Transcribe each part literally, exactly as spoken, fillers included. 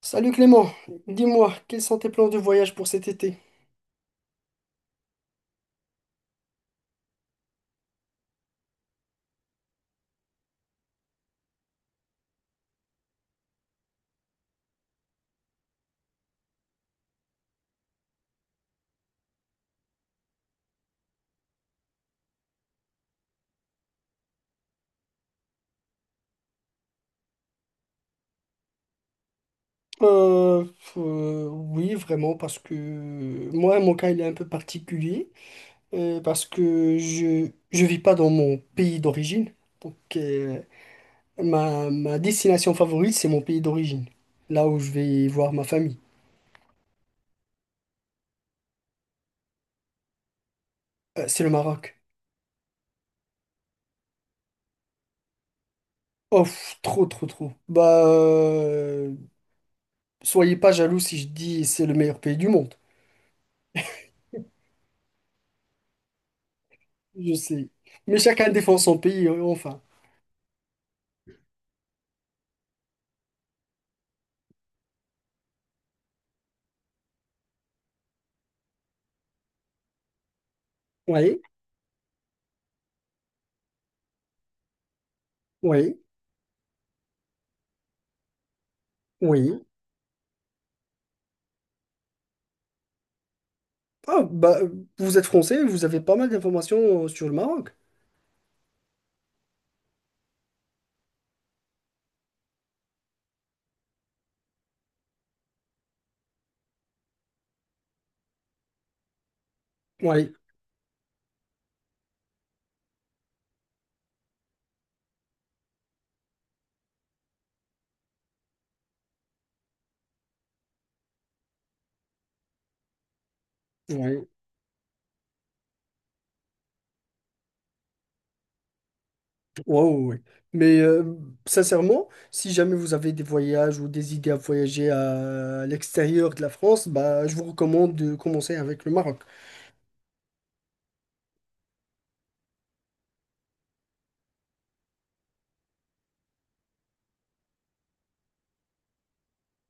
Salut Clément, dis-moi, quels sont tes plans de voyage pour cet été? Euh, euh, oui, vraiment, parce que moi, mon cas, il est un peu particulier, euh, parce que je je vis pas dans mon pays d'origine. Donc, euh, ma, Ma destination favorite, c'est mon pays d'origine, là où je vais voir ma famille. Euh, c'est le Maroc. Oh, pff, trop, trop, trop. Bah, euh, soyez pas jaloux si je dis c'est le meilleur pays du monde. Je sais. Mais chacun défend son pays, euh, enfin. Oui, oui. Oui. Ah, bah, vous êtes français, vous avez pas mal d'informations euh, sur le Maroc. Oui, oui, wow, oui. Mais euh, sincèrement, si jamais vous avez des voyages ou des idées à voyager à l'extérieur de la France, bah, je vous recommande de commencer avec le Maroc.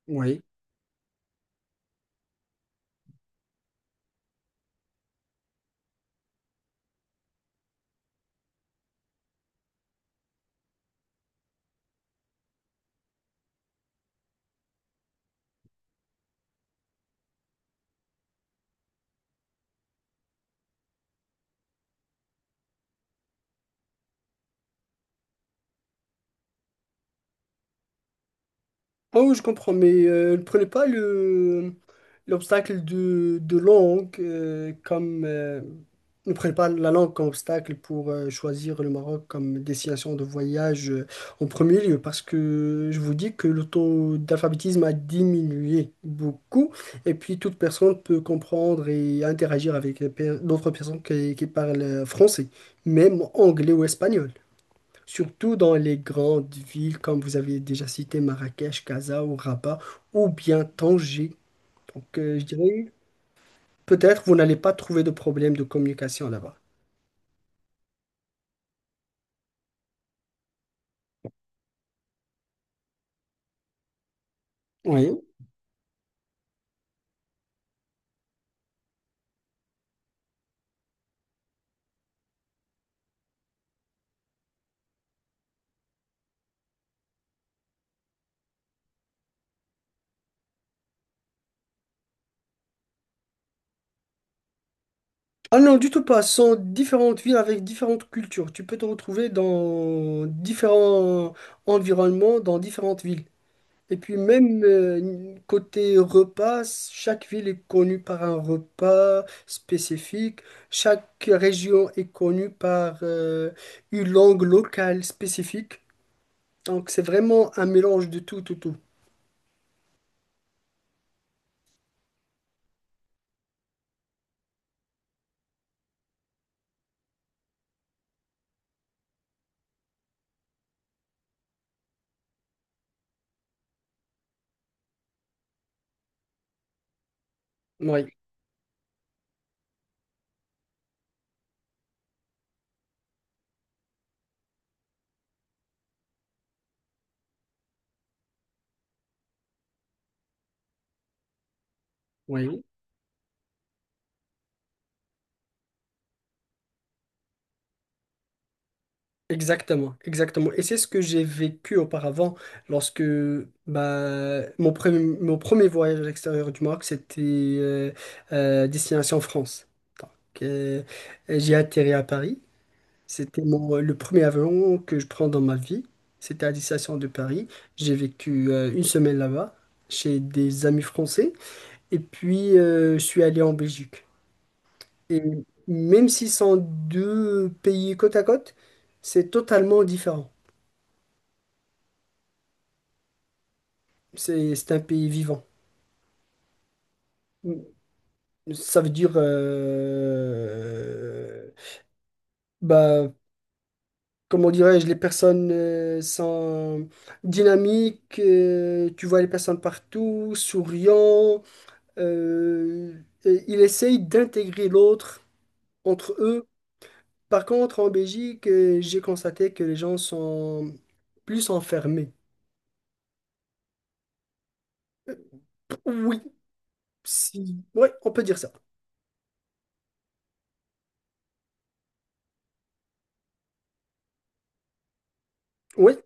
Oui. Ah oui, je comprends, mais euh, ne prenez pas le l'obstacle de, de langue euh, comme euh, ne prenez pas la langue comme obstacle pour euh, choisir le Maroc comme destination de voyage euh, en premier lieu, parce que je vous dis que le taux d'alphabétisme a diminué beaucoup, et puis toute personne peut comprendre et interagir avec les per- d'autres personnes qui, qui parlent français, même anglais ou espagnol, surtout dans les grandes villes comme vous avez déjà cité Marrakech, Casa ou Rabat ou bien Tanger. Donc euh, je dirais peut-être vous n'allez pas trouver de problème de communication là-bas. Oui. Ah non, du tout pas. Ce sont différentes villes avec différentes cultures. Tu peux te retrouver dans différents environnements, dans différentes villes. Et puis même euh, côté repas, chaque ville est connue par un repas spécifique, chaque région est connue par euh, une langue locale spécifique. Donc c'est vraiment un mélange de tout, tout, tout. Oui, oui, exactement, exactement. Et c'est ce que j'ai vécu auparavant lorsque bah, mon premier, mon premier voyage à l'extérieur du Maroc, c'était euh, euh, destination France. Donc euh, j'ai atterri à Paris. C'était mon, euh, le premier avion que je prends dans ma vie. C'était à la destination de Paris. J'ai vécu euh, une semaine là-bas chez des amis français. Et puis, euh, je suis allé en Belgique. Et même si ce sont deux pays côte à côte, c'est totalement différent. C'est, c'est un pays vivant. Ça veut dire, euh, bah, comment dirais-je, les personnes euh, sont dynamiques. Euh, tu vois les personnes partout, souriant. Euh, et il essaye d'intégrer l'autre entre eux. Par contre, en Belgique, euh, j'ai constaté que les gens sont plus enfermés. Oui, si. Ouais, on peut dire ça. Oui.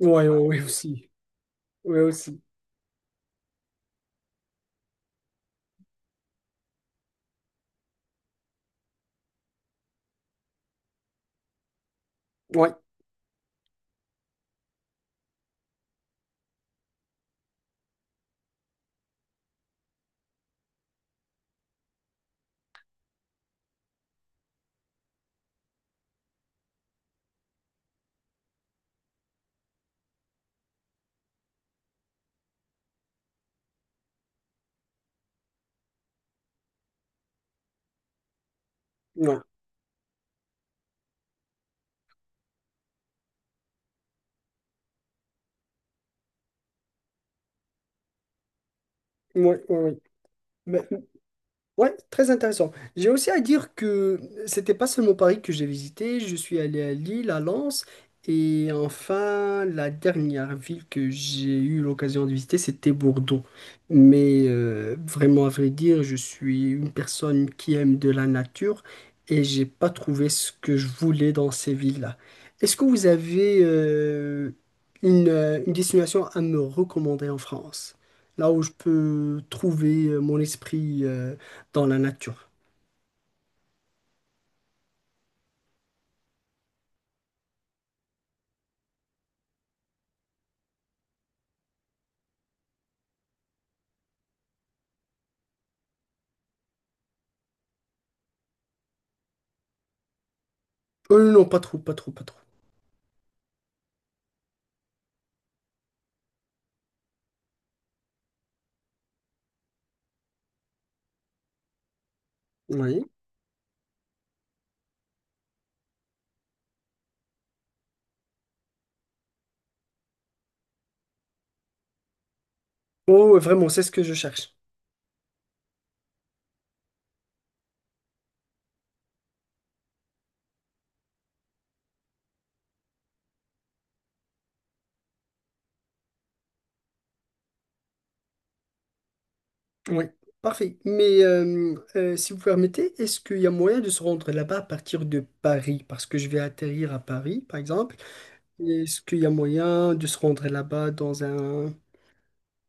Ouais, ouais, ouais, aussi. Ouais, aussi. Ouais, ouais, ouais, ouais, ouais. Mais, ouais, très intéressant. J'ai aussi à dire que c'était pas seulement Paris que j'ai visité, je suis allé à Lille, à Lens, et enfin la dernière ville que j'ai eu l'occasion de visiter, c'était Bordeaux. Mais euh, vraiment à vrai dire, je suis une personne qui aime de la nature et j'ai pas trouvé ce que je voulais dans ces villes-là. Est-ce que vous avez euh, une, euh, une destination à me recommander en France? Là où je peux trouver euh, mon esprit euh, dans la nature. Euh, non, pas trop, pas trop, pas trop. Oui. Oh, ouais, vraiment, c'est ce que je cherche. Oui, parfait. Mais euh, euh, si vous permettez, est-ce qu'il y a moyen de se rendre là-bas à partir de Paris? Parce que je vais atterrir à Paris, par exemple. Est-ce qu'il y a moyen de se rendre là-bas dans un...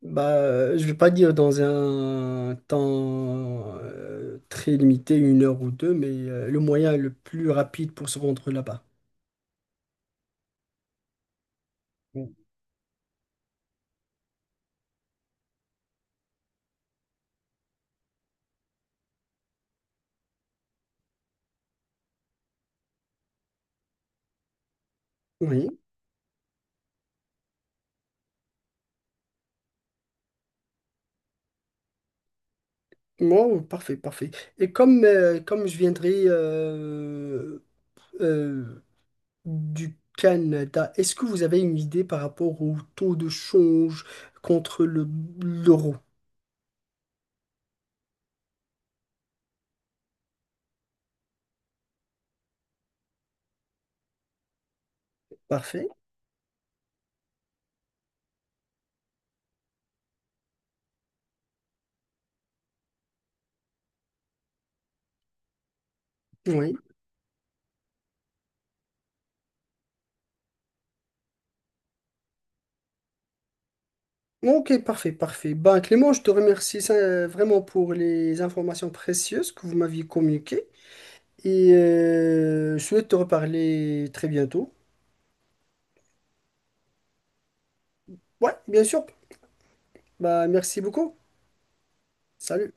Bah, euh, je vais pas dire dans un temps euh, très limité, une heure ou deux, mais euh, le moyen le plus rapide pour se rendre là-bas. Oui. Bon, parfait, parfait. Et comme, euh, comme je viendrai euh, euh, du Canada, est-ce que vous avez une idée par rapport au taux de change contre le, l'euro? Parfait, oui. Ok, parfait, parfait. Ben, Clément, je te remercie ça, vraiment pour les informations précieuses que vous m'aviez communiquées et euh, je souhaite te reparler très bientôt. Ouais, bien sûr. Bah merci beaucoup. Salut.